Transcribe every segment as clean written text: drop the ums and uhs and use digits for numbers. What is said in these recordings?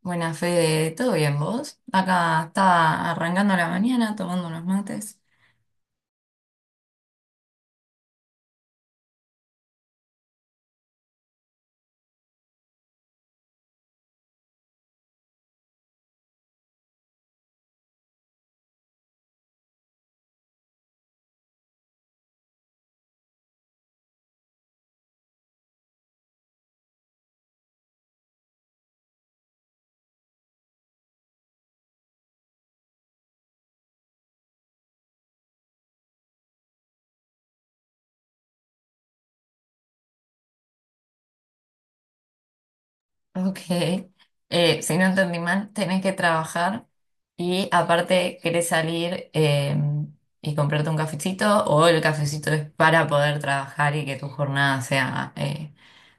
Buena Fede, ¿todo bien vos? Acá estaba arrancando la mañana tomando unos mates. Ok. Si no entendí mal, tenés que trabajar y aparte querés salir y comprarte un cafecito, o el cafecito es para poder trabajar y que tu jornada sea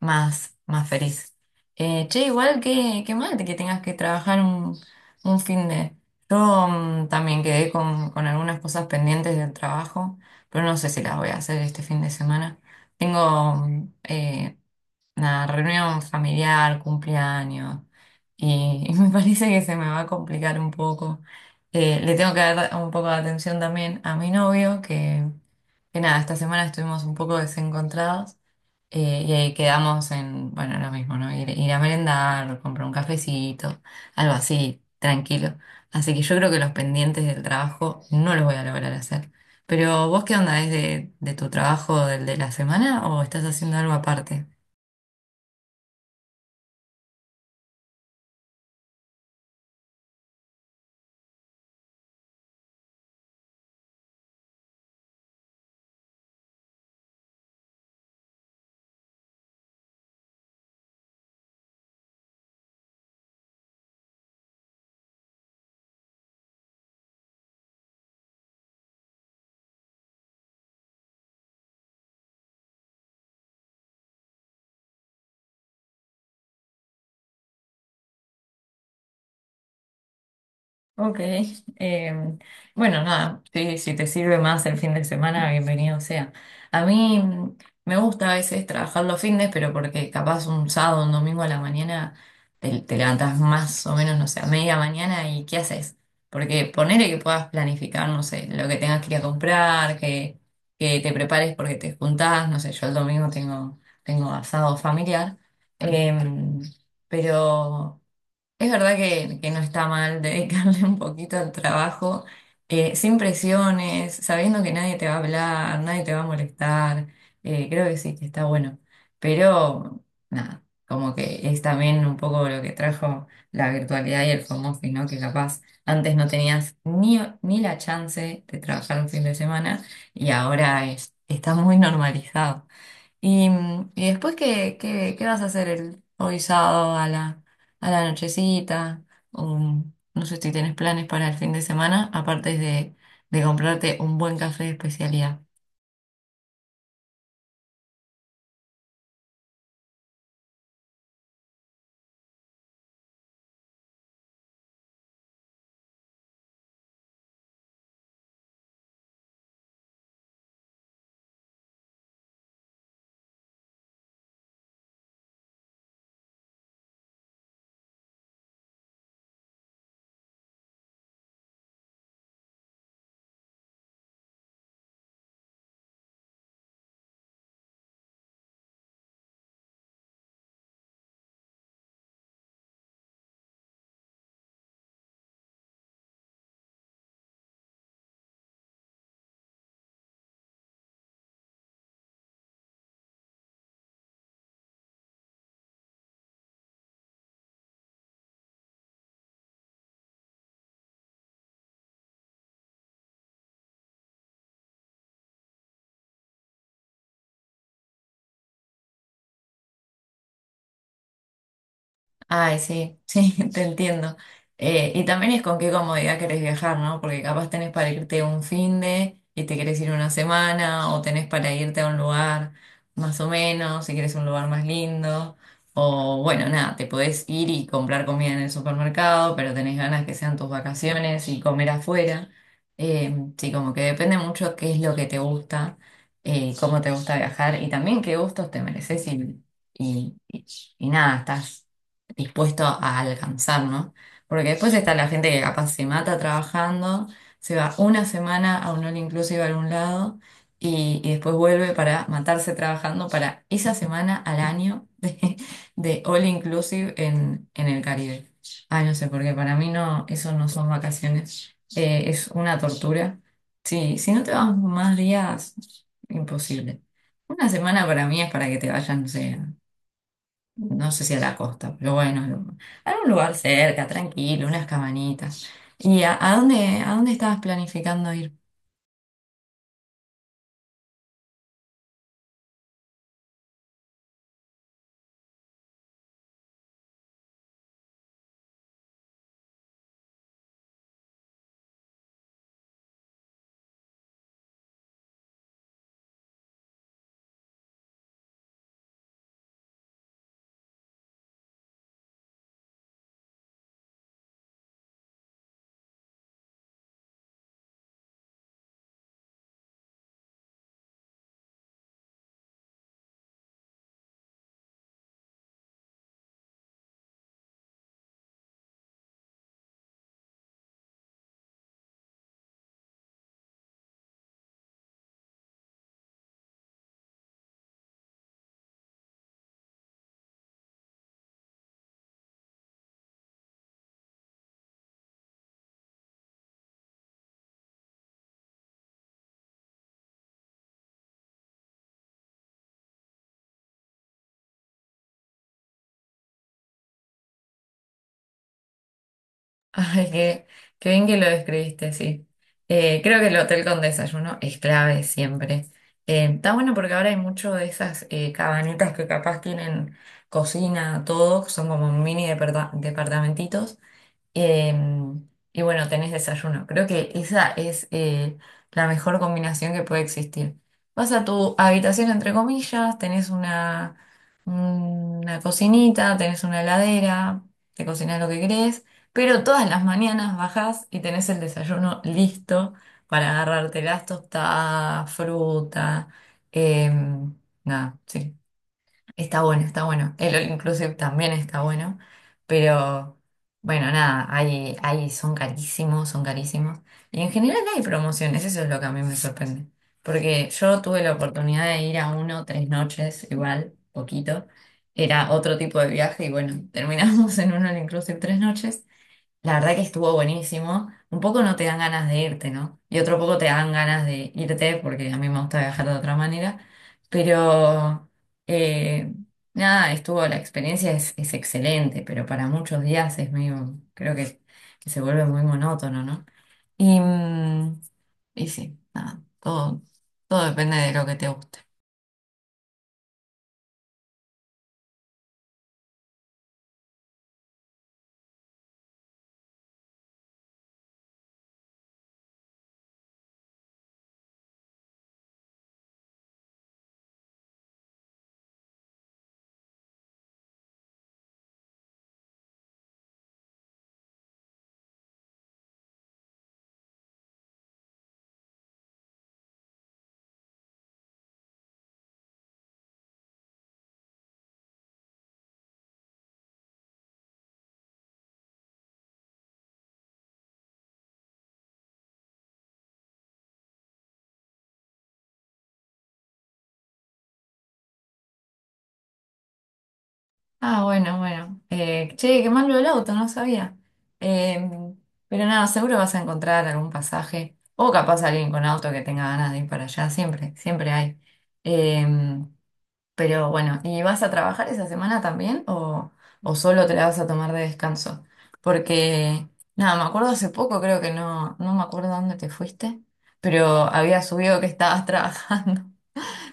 más feliz. Che, igual que mal que tengas que trabajar un fin de... Yo también quedé con algunas cosas pendientes del trabajo, pero no sé si las voy a hacer este fin de semana. Tengo una reunión familiar, cumpleaños, y, y me parece que se me va a complicar un poco. Le tengo que dar un poco de atención también a mi novio, que nada, esta semana estuvimos un poco desencontrados. Y ahí quedamos en, bueno, lo mismo, ¿no? Ir a merendar, comprar un cafecito, algo así, tranquilo. Así que yo creo que los pendientes del trabajo no los voy a lograr hacer. Pero vos, ¿qué onda? ¿Es de tu trabajo, del de la semana, o estás haciendo algo aparte? Ok, em, bueno, nada, sí, si te sirve más el fin de semana, bienvenido sea. A mí me gusta a veces trabajar los fines, pero porque capaz un sábado, un domingo a la mañana te levantas más o menos, no sé, a media mañana. ¿Y qué haces? Porque ponele que puedas planificar, no sé, lo que tengas que ir a comprar, que te prepares porque te juntás, no sé, yo el domingo tengo asado familiar, em, pero... Es verdad que no está mal dedicarle un poquito al trabajo, sin presiones, sabiendo que nadie te va a hablar, nadie te va a molestar. Eh, creo que sí, que está bueno. Pero nada, como que es también un poco lo que trajo la virtualidad y el home office, ¿no? Que capaz antes no tenías ni la chance de trabajar un fin de semana y ahora está muy normalizado. Y, y después, qué vas a hacer el, hoy sábado a la nochecita? O, no sé si tienes planes para el fin de semana, aparte de comprarte un buen café de especialidad. Ay, sí, sí, te entiendo. Y también es con qué comodidad querés viajar, ¿no? Porque capaz tenés para irte un fin de, y te querés ir una semana, o tenés para irte a un lugar más o menos, si querés un lugar más lindo, o bueno, nada, te podés ir y comprar comida en el supermercado, pero tenés ganas que sean tus vacaciones y comer afuera. Sí, como que depende mucho qué es lo que te gusta, cómo te gusta viajar y también qué gustos te mereces y y nada, estás dispuesto a alcanzar, ¿no? Porque después está la gente que capaz se mata trabajando, se va una semana a un all inclusive a algún lado y después vuelve para matarse trabajando para esa semana al año de all inclusive en el Caribe. Ay, no sé, porque para mí no, eso no son vacaciones. Es una tortura. Sí, si no te vas más días, imposible. Una semana para mí es para que te vayan, no sé, no sé si a la costa, pero bueno, algún lugar cerca, tranquilo, unas cabañitas. ¿Y a dónde estabas planificando ir? Ay, qué, qué bien que lo describiste, sí. Creo que el hotel con desayuno es clave siempre. Está bueno porque ahora hay mucho de esas cabanitas que capaz tienen cocina, todo, son como mini departamentitos. Em, y bueno, tenés desayuno. Creo que esa es la mejor combinación que puede existir. Vas a tu habitación, entre comillas, tenés una cocinita, tenés una heladera, te cocinás lo que querés, pero todas las mañanas bajás y tenés el desayuno listo para agarrarte las tostadas, fruta, em, nada, sí. Está bueno, está bueno. El All Inclusive también está bueno. Pero bueno, nada, hay, son carísimos, son carísimos. Y en general no hay promociones, eso es lo que a mí me sorprende. Porque yo tuve la oportunidad de ir a uno tres noches, igual, poquito. Era otro tipo de viaje y bueno, terminamos en un All Inclusive tres noches. La verdad que estuvo buenísimo. Un poco no te dan ganas de irte, ¿no? Y otro poco te dan ganas de irte porque a mí me gusta viajar de otra manera. Pero eh, nada, estuvo, la experiencia es excelente, pero para muchos días es medio, creo que se vuelve muy monótono, ¿no? Y, y sí, nada, todo depende de lo que te guste. Ah, bueno, bueno. Che, qué mal lo del auto, no sabía. Eh, pero nada, seguro vas a encontrar algún pasaje. O capaz alguien con auto que tenga ganas de ir para allá, siempre, siempre hay. Eh, pero bueno, ¿y vas a trabajar esa semana también o solo te la vas a tomar de descanso? Porque, nada, me acuerdo hace poco, creo que no, no me acuerdo dónde te fuiste, pero había subido que estabas trabajando.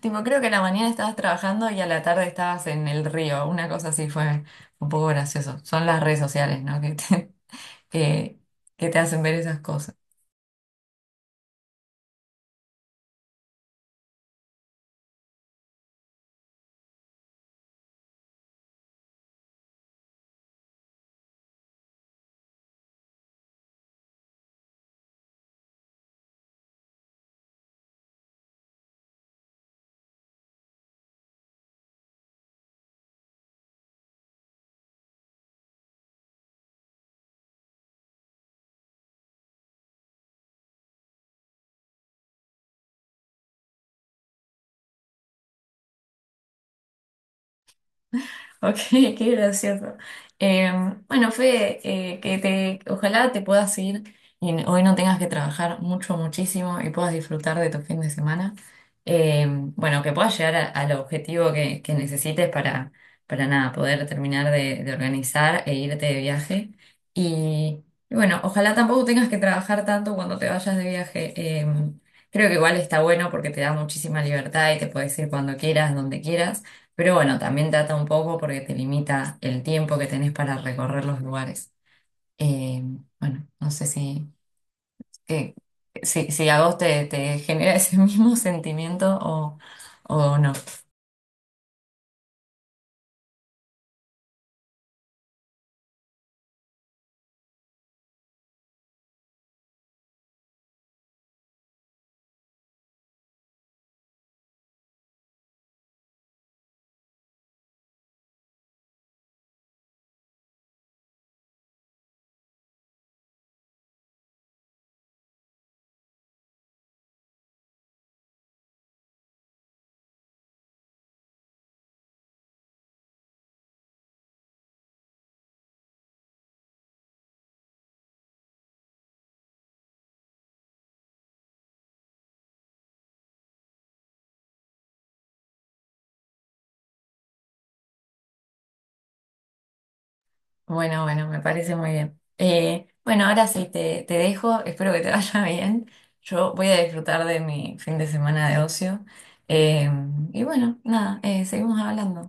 Tipo, creo que a la mañana estabas trabajando y a la tarde estabas en el río. Una cosa así fue un poco gracioso. Son las redes sociales, ¿no? Que, que te hacen ver esas cosas. Ok, qué gracioso. Eh, bueno, Fede, que te, ojalá te puedas ir y hoy no tengas que trabajar mucho, muchísimo y puedas disfrutar de tu fin de semana. Eh, bueno, que puedas llegar al objetivo que necesites para nada, poder terminar de organizar e irte de viaje. Y, y bueno, ojalá tampoco tengas que trabajar tanto cuando te vayas de viaje. Creo que igual está bueno porque te da muchísima libertad y te puedes ir cuando quieras, donde quieras. Pero bueno, también trata un poco porque te limita el tiempo que tenés para recorrer los lugares. Eh, bueno, no sé si, que, si, si a vos te, te genera ese mismo sentimiento o no. Bueno, bueno, me parece muy bien. Bueno, ahora sí te dejo, espero que te vaya bien. Yo voy a disfrutar de mi fin de semana de ocio. Eh, y bueno, nada, seguimos hablando.